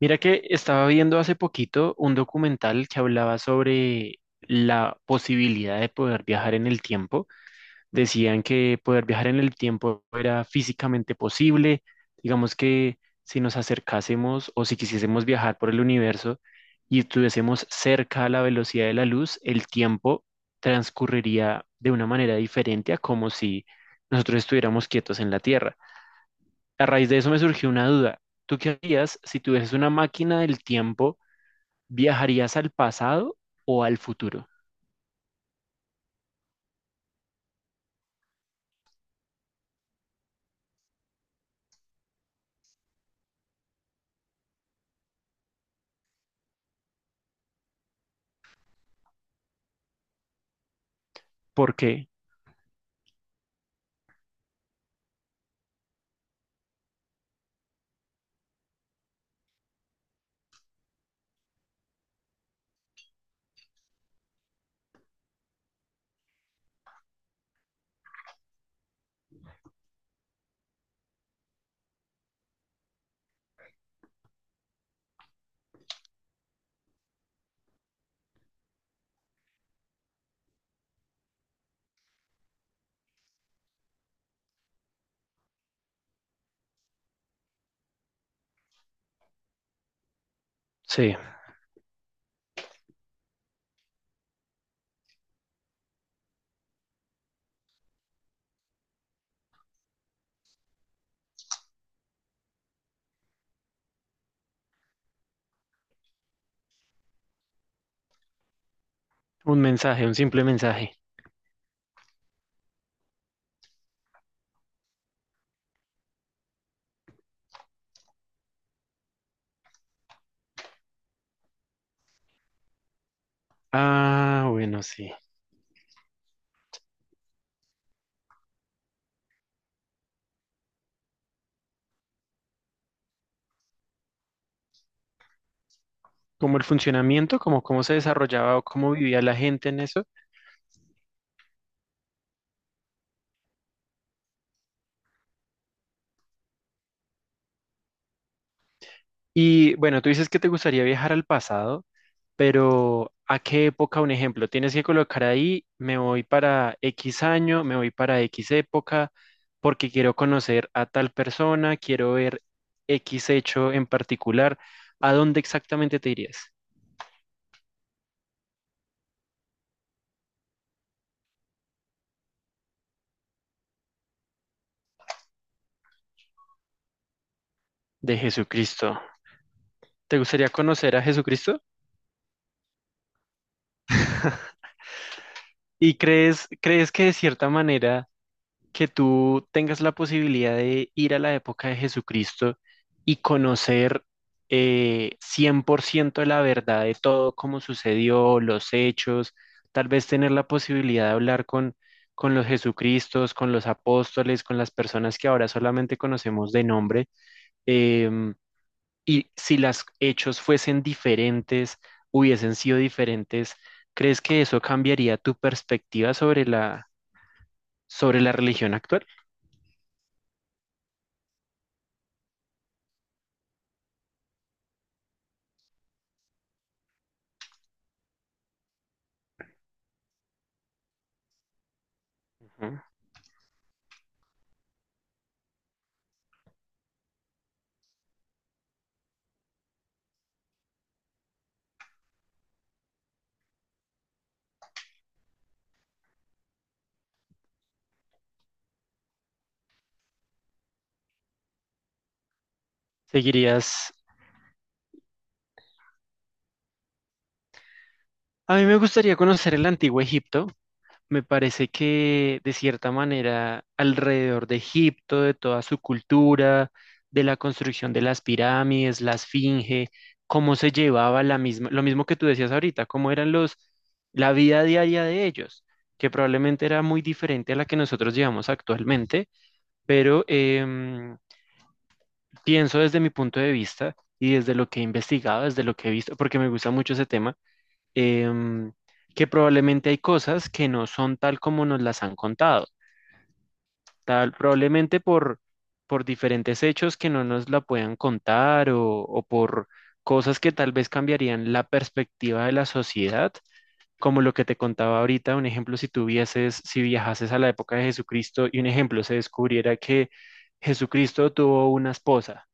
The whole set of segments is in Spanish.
Mira que estaba viendo hace poquito un documental que hablaba sobre la posibilidad de poder viajar en el tiempo. Decían que poder viajar en el tiempo era físicamente posible. Digamos que si nos acercásemos o si quisiésemos viajar por el universo y estuviésemos cerca a la velocidad de la luz, el tiempo transcurriría de una manera diferente a como si nosotros estuviéramos quietos en la Tierra. A raíz de eso me surgió una duda. ¿Tú qué harías si tuvieses una máquina del tiempo? ¿Viajarías al pasado o al futuro? ¿Por qué? Sí, un mensaje, un simple mensaje. Ah, bueno, sí. Como el funcionamiento, como cómo se desarrollaba o cómo vivía la gente en eso. Y bueno, tú dices que te gustaría viajar al pasado, pero ¿a qué época? Un ejemplo, tienes que colocar ahí, me voy para X año, me voy para X época, porque quiero conocer a tal persona, quiero ver X hecho en particular. ¿A dónde exactamente te irías? De Jesucristo. ¿Te gustaría conocer a Jesucristo? ¿Y crees que de cierta manera... que tú tengas la posibilidad de ir a la época de Jesucristo y conocer 100% la verdad de todo, cómo sucedió, los hechos, tal vez tener la posibilidad de hablar con los Jesucristos, con los apóstoles, con las personas que ahora solamente conocemos de nombre, em, y si los hechos fuesen diferentes, hubiesen sido diferentes, ¿crees que eso cambiaría tu perspectiva sobre la religión actual? Ujú. Seguirías. A mí me gustaría conocer el antiguo Egipto. Me parece que de cierta manera alrededor de Egipto, de toda su cultura, de la construcción de las pirámides, la esfinge, cómo se llevaba la misma, lo mismo que tú decías ahorita, cómo eran los, la vida diaria de ellos, que probablemente era muy diferente a la que nosotros llevamos actualmente, pero pienso desde mi punto de vista y desde lo que he investigado, desde lo que he visto, porque me gusta mucho ese tema, em, que probablemente hay cosas que no son tal como nos las han contado, tal probablemente por diferentes hechos que no nos la puedan contar o por cosas que tal vez cambiarían la perspectiva de la sociedad, como lo que te contaba ahorita, un ejemplo, si tuvieses, si viajases a la época de Jesucristo y un ejemplo, se descubriera que Jesucristo tuvo una esposa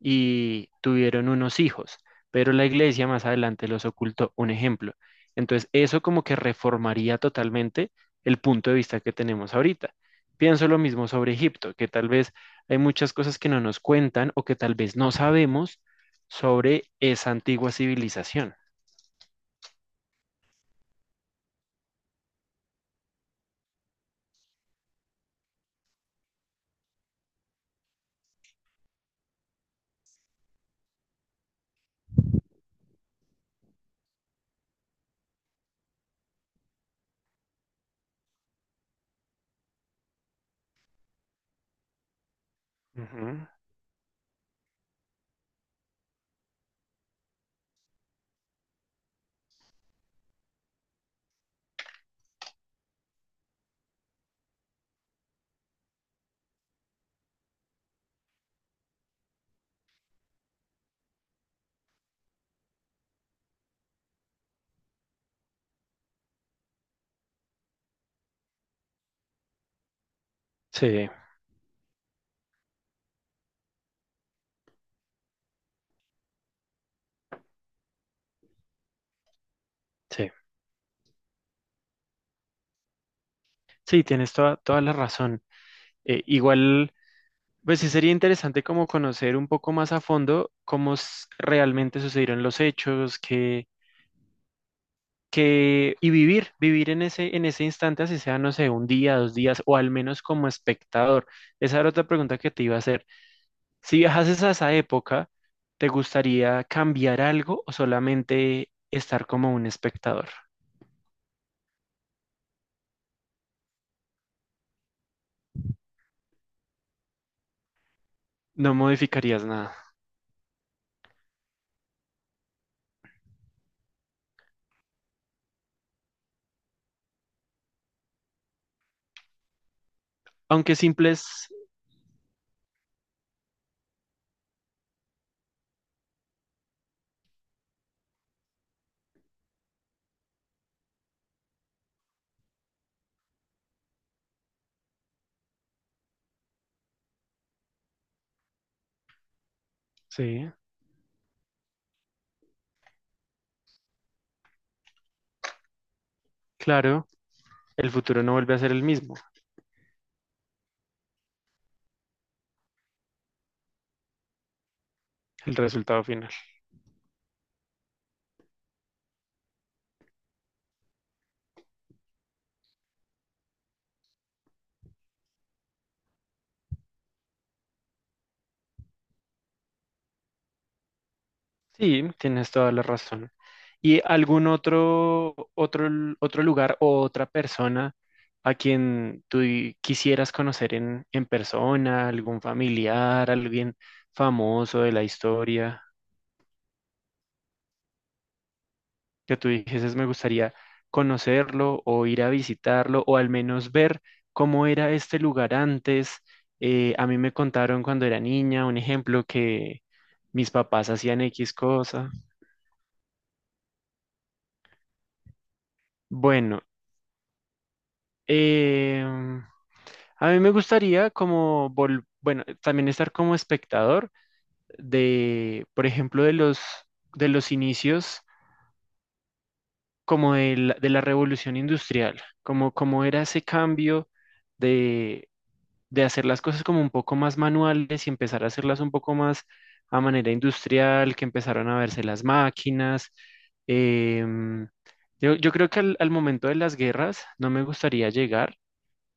y tuvieron unos hijos, pero la iglesia más adelante los ocultó. Un ejemplo. Entonces, eso como que reformaría totalmente el punto de vista que tenemos ahorita. Pienso lo mismo sobre Egipto, que tal vez hay muchas cosas que no nos cuentan o que tal vez no sabemos sobre esa antigua civilización. Ujú. Sí, sí. Sí, tienes toda, toda la razón. Igual, pues sí sería interesante como conocer un poco más a fondo cómo s- realmente sucedieron los hechos, qué, que, y vivir en en ese instante, así sea, no sé, un día, dos días, o al menos como espectador. Esa era otra pregunta que te iba a hacer. Si viajases a esa época, ¿te gustaría cambiar algo o solamente estar como un espectador? No modificarías nada. Aunque simples, sí, claro, el futuro no vuelve a ser el mismo, el resultado final. Sí, tienes toda la razón. ¿Y algún otro, l- otro lugar o otra persona a quien tú y- quisieras conocer en persona, algún familiar, alguien famoso de la historia, que tú dijeses me gustaría conocerlo o ir a visitarlo o al menos ver cómo era este lugar antes? A mí me contaron cuando era niña, un ejemplo, que mis papás hacían X cosa. Bueno. em, A mí me gustaría como, vol- bueno, también estar como espectador de, por ejemplo, de los inicios como de de la revolución industrial, como, como era ese cambio de, de hacer las cosas como un poco más manuales y empezar a hacerlas un poco más a manera industrial, que empezaron a verse las máquinas. em, yo creo que al momento de las guerras no me gustaría llegar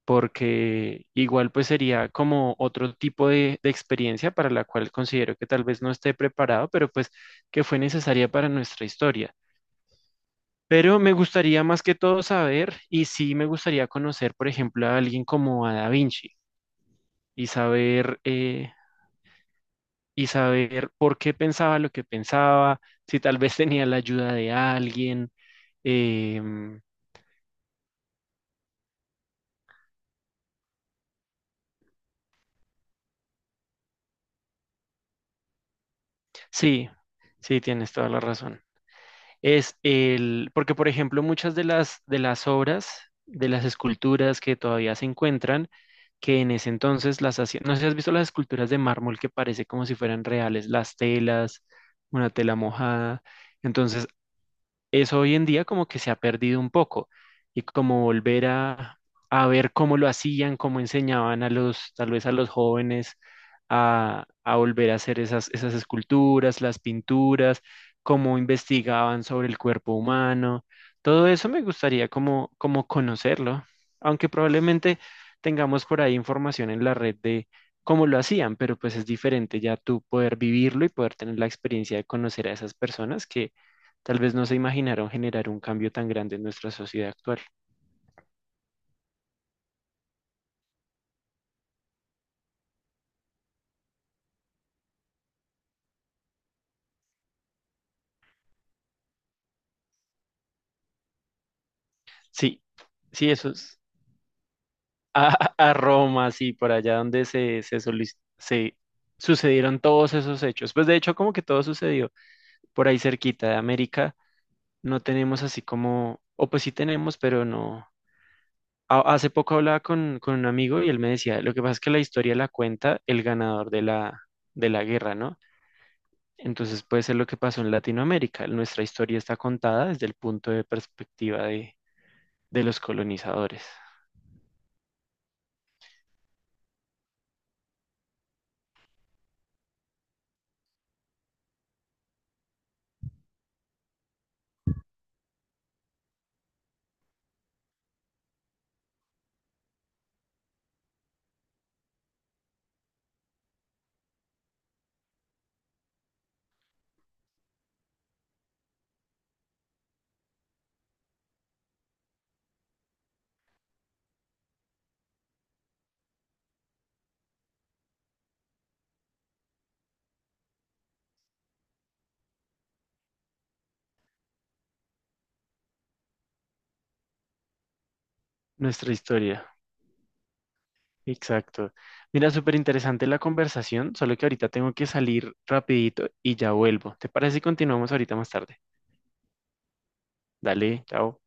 porque igual pues sería como otro tipo de experiencia para la cual considero que tal vez no esté preparado, pero pues que fue necesaria para nuestra historia. Pero me gustaría más que todo saber, y sí me gustaría conocer, por ejemplo, a alguien como a Da Vinci y saber, eh, y saber por qué pensaba lo que pensaba, si tal vez tenía la ayuda de alguien. em, sí, sí, tienes toda la razón. Es el, porque por ejemplo muchas de de las obras, de las esculturas que todavía se encuentran, que en ese entonces las hacían, no sé si has visto las esculturas de mármol que parece como si fueran reales, las telas, una tela mojada, entonces eso hoy en día como que se ha perdido un poco y como volver a ver cómo lo hacían, cómo enseñaban a los, tal vez a los jóvenes a volver a hacer esas esculturas, las pinturas, cómo investigaban sobre el cuerpo humano. Todo eso me gustaría como, como conocerlo, aunque probablemente tengamos por ahí información en la red de cómo lo hacían, pero pues es diferente ya tú poder vivirlo y poder tener la experiencia de conocer a esas personas que tal vez no se imaginaron generar un cambio tan grande en nuestra sociedad actual. Sí, sí, eso es. A, a Roma, sí, por allá donde se, solic- se sucedieron todos esos hechos. Pues de hecho, como que todo sucedió por ahí cerquita de América. No tenemos así como, o pues sí tenemos, pero no. A- hace poco hablaba con un amigo y él me decía, lo que pasa es que la historia la cuenta el ganador de de la guerra, ¿no? Entonces puede ser lo que pasó en Latinoamérica. Nuestra historia está contada desde el punto de perspectiva de los colonizadores. Nuestra historia. Exacto. Mira, súper interesante la conversación, solo que ahorita tengo que salir rapidito y ya vuelvo. ¿Te parece si continuamos ahorita más tarde? Dale, chao.